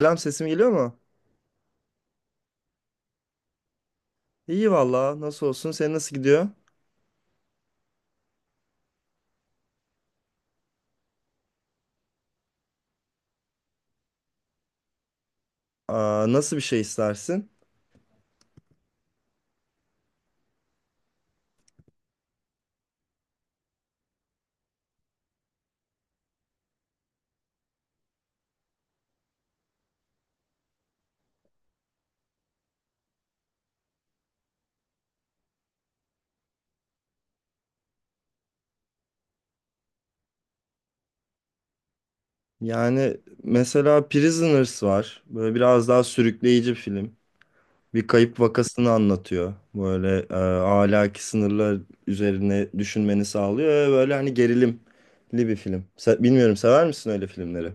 Selam, sesim geliyor mu? İyi valla, nasıl olsun? Senin nasıl gidiyor? Aa, nasıl bir şey istersin? Yani mesela Prisoners var, böyle biraz daha sürükleyici bir film. Bir kayıp vakasını anlatıyor, böyle ahlaki sınırlar üzerine düşünmeni sağlıyor ve böyle hani gerilimli bir film. Bilmiyorum, sever misin öyle filmleri?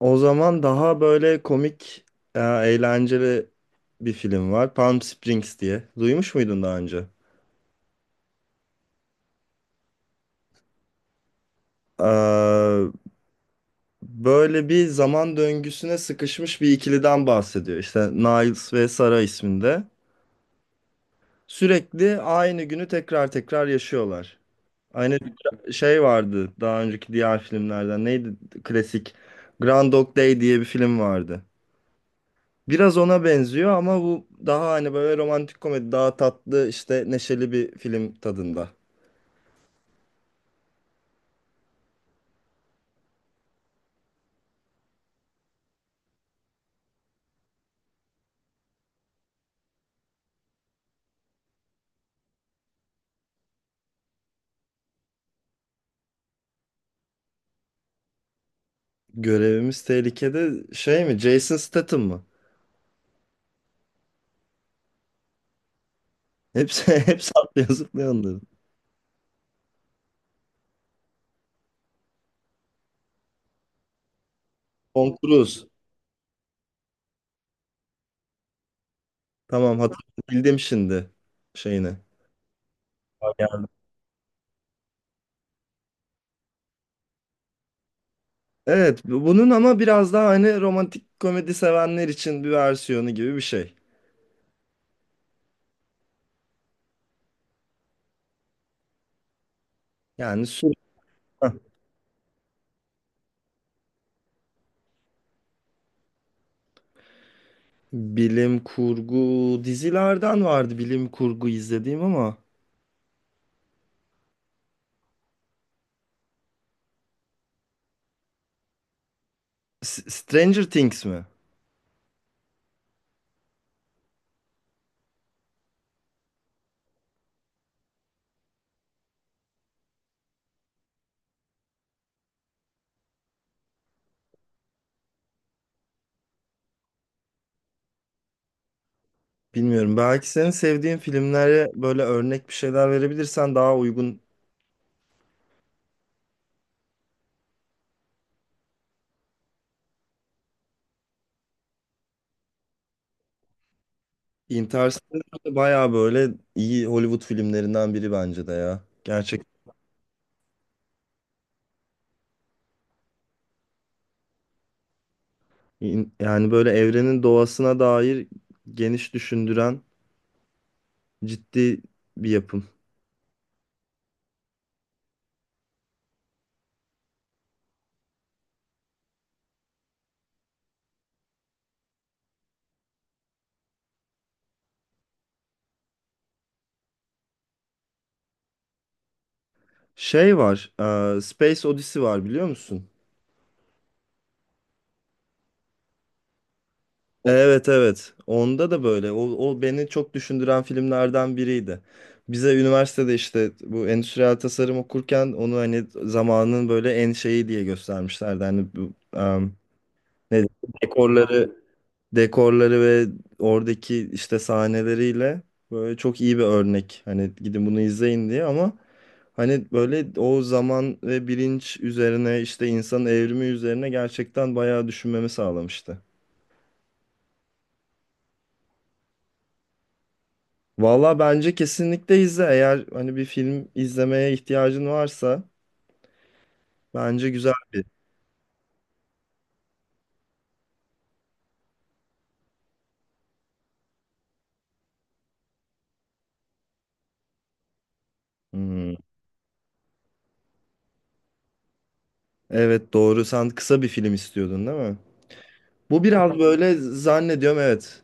O zaman daha böyle komik, eğlenceli bir film var, Palm Springs diye. Duymuş muydun daha önce? Böyle bir zaman döngüsüne sıkışmış bir ikiliden bahsediyor, İşte Niles ve Sara isminde. Sürekli aynı günü tekrar tekrar yaşıyorlar. Aynı şey vardı daha önceki diğer filmlerden. Neydi klasik? Grand Dog Day diye bir film vardı. Biraz ona benziyor ama bu daha hani böyle romantik komedi, daha tatlı, işte neşeli bir film tadında. Görevimiz tehlikede şey mi? Jason Statham mı? Hepsi hepsi atlıyor zıplıyor onların. Tom Cruise. Tamam, hatırladım şimdi şeyini. Evet, bunun ama biraz daha hani romantik komedi sevenler için bir versiyonu gibi bir şey. Yani sürekli bilim kurgu dizilerden vardı, bilim kurgu izlediğim ama... Stranger Things mi? Bilmiyorum. Belki senin sevdiğin filmlere böyle örnek bir şeyler verebilirsen daha uygun. Interstellar bayağı böyle iyi Hollywood filmlerinden biri bence de ya. Gerçek. Yani böyle evrenin doğasına dair geniş düşündüren ciddi bir yapım. Şey var, Space Odyssey var, biliyor musun? Evet, evet. Onda da böyle. O, o beni çok düşündüren filmlerden biriydi. Bize üniversitede, işte bu endüstriyel tasarım okurken, onu hani zamanın böyle en şeyi diye göstermişlerdi. Hani bu, ne dekorları, dekorları ve oradaki işte sahneleriyle böyle çok iyi bir örnek. Hani gidin bunu izleyin diye. Ama hani böyle o zaman ve bilinç üzerine, işte insanın evrimi üzerine gerçekten bayağı düşünmemi sağlamıştı. Valla bence kesinlikle izle. Eğer hani bir film izlemeye ihtiyacın varsa bence güzel bir. Hmm. Evet, doğru. Sen kısa bir film istiyordun, değil mi? Bu biraz böyle, zannediyorum, evet.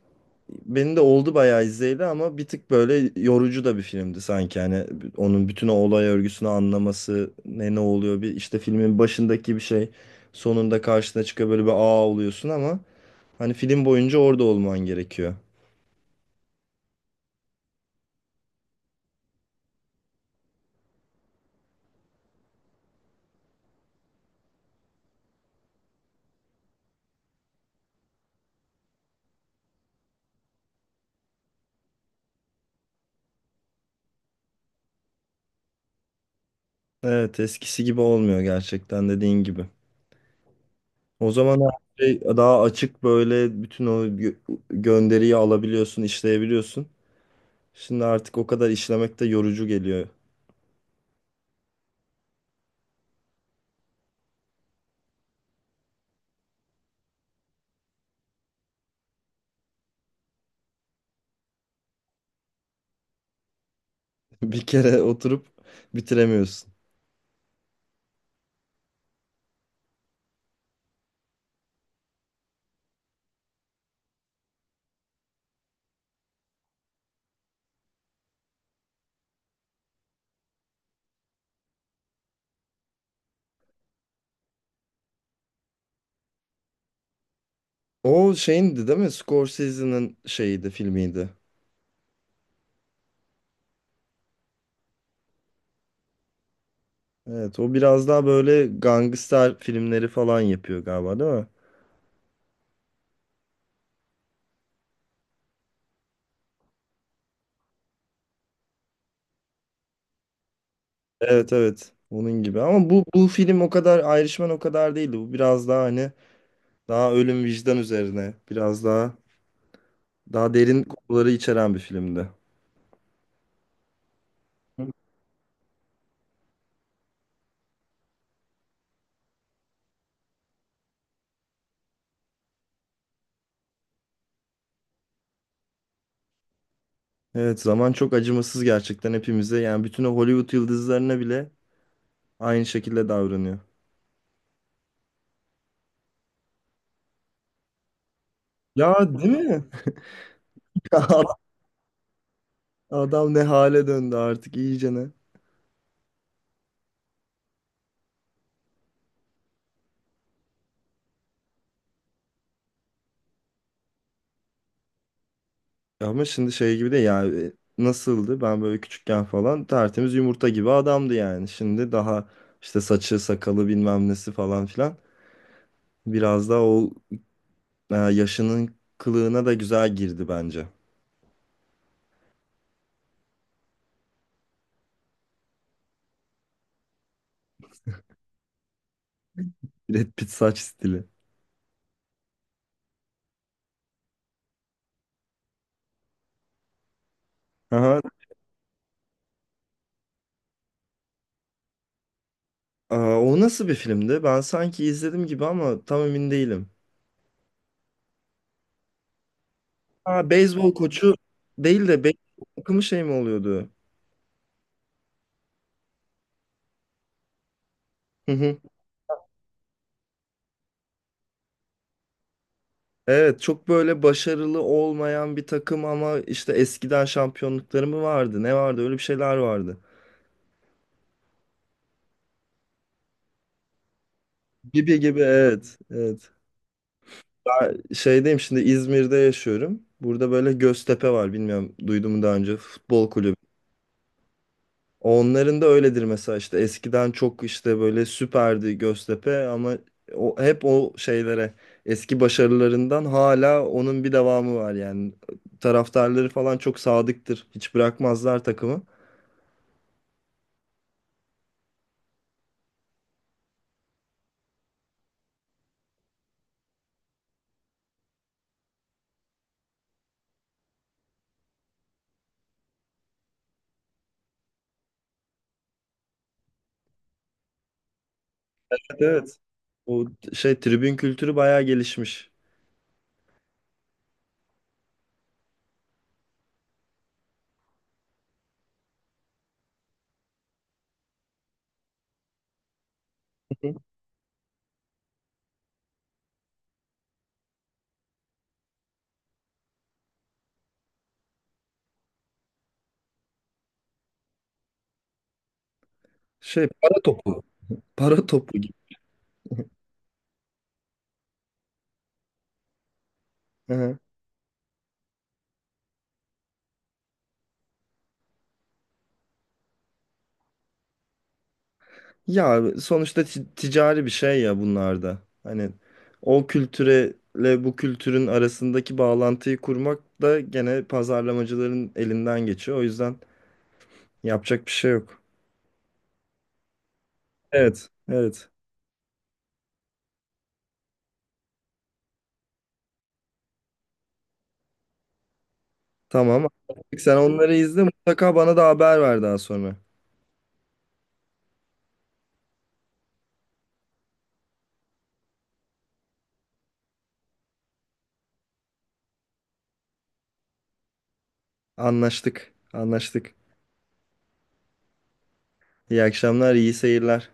Benim de oldu bayağı izleyeli ama bir tık böyle yorucu da bir filmdi sanki. Hani onun bütün o olay örgüsünü anlaması, ne ne oluyor, bir işte filmin başındaki bir şey sonunda karşına çıkıyor, böyle bir aa oluyorsun, ama hani film boyunca orada olman gerekiyor. Evet, eskisi gibi olmuyor gerçekten, dediğin gibi. O zaman her şey daha açık, böyle bütün o gönderiyi alabiliyorsun, işleyebiliyorsun. Şimdi artık o kadar işlemek de yorucu geliyor. Bir kere oturup bitiremiyorsun. O şeyindi, değil mi? Scorsese'nin şeyiydi, filmiydi. Evet, o biraz daha böyle gangster filmleri falan yapıyor galiba, değil mi? Evet, evet. Onun gibi. Ama bu film o kadar, Irishman o kadar değildi. Bu biraz daha hani daha ölüm, vicdan üzerine, biraz daha daha derin konuları içeren bir filmdi. Evet, zaman çok acımasız gerçekten hepimize. Yani bütün o Hollywood yıldızlarına bile aynı şekilde davranıyor. Ya, değil mi? Adam ne hale döndü artık iyicene. Ama şimdi şey gibi de, yani nasıldı? Ben böyle küçükken falan tertemiz yumurta gibi adamdı yani. Şimdi daha işte saçı, sakalı, bilmem nesi falan filan. Biraz daha o yaşının kılığına da güzel girdi bence. Brad Pitt saç stili. Aha. Aa, o nasıl bir filmdi? Ben sanki izledim gibi ama tam emin değilim. Ha, beyzbol koçu değil de beyzbol takımı şey mi oluyordu? Evet, çok böyle başarılı olmayan bir takım ama işte eskiden şampiyonlukları mı vardı? Ne vardı? Öyle bir şeyler vardı. Gibi gibi, evet. Evet. Ben şeydeyim şimdi, İzmir'de yaşıyorum. Burada böyle Göztepe var. Bilmiyorum, duydun mu daha önce, futbol kulübü. Onların da öyledir mesela, işte eskiden çok işte böyle süperdi Göztepe ama o, hep o şeylere, eski başarılarından hala onun bir devamı var yani. Taraftarları falan çok sadıktır. Hiç bırakmazlar takımı. Evet. Bu şey, tribün kültürü bayağı gelişmiş. Hı. Şey, Para topu. Para topu gibi. Hı. Ya sonuçta ticari bir şey ya bunlar da. Hani o kültürele bu kültürün arasındaki bağlantıyı kurmak da gene pazarlamacıların elinden geçiyor. O yüzden yapacak bir şey yok. Evet, evet. Tamam. Sen onları izle, mutlaka bana da haber ver daha sonra. Anlaştık, anlaştık. İyi akşamlar, iyi seyirler.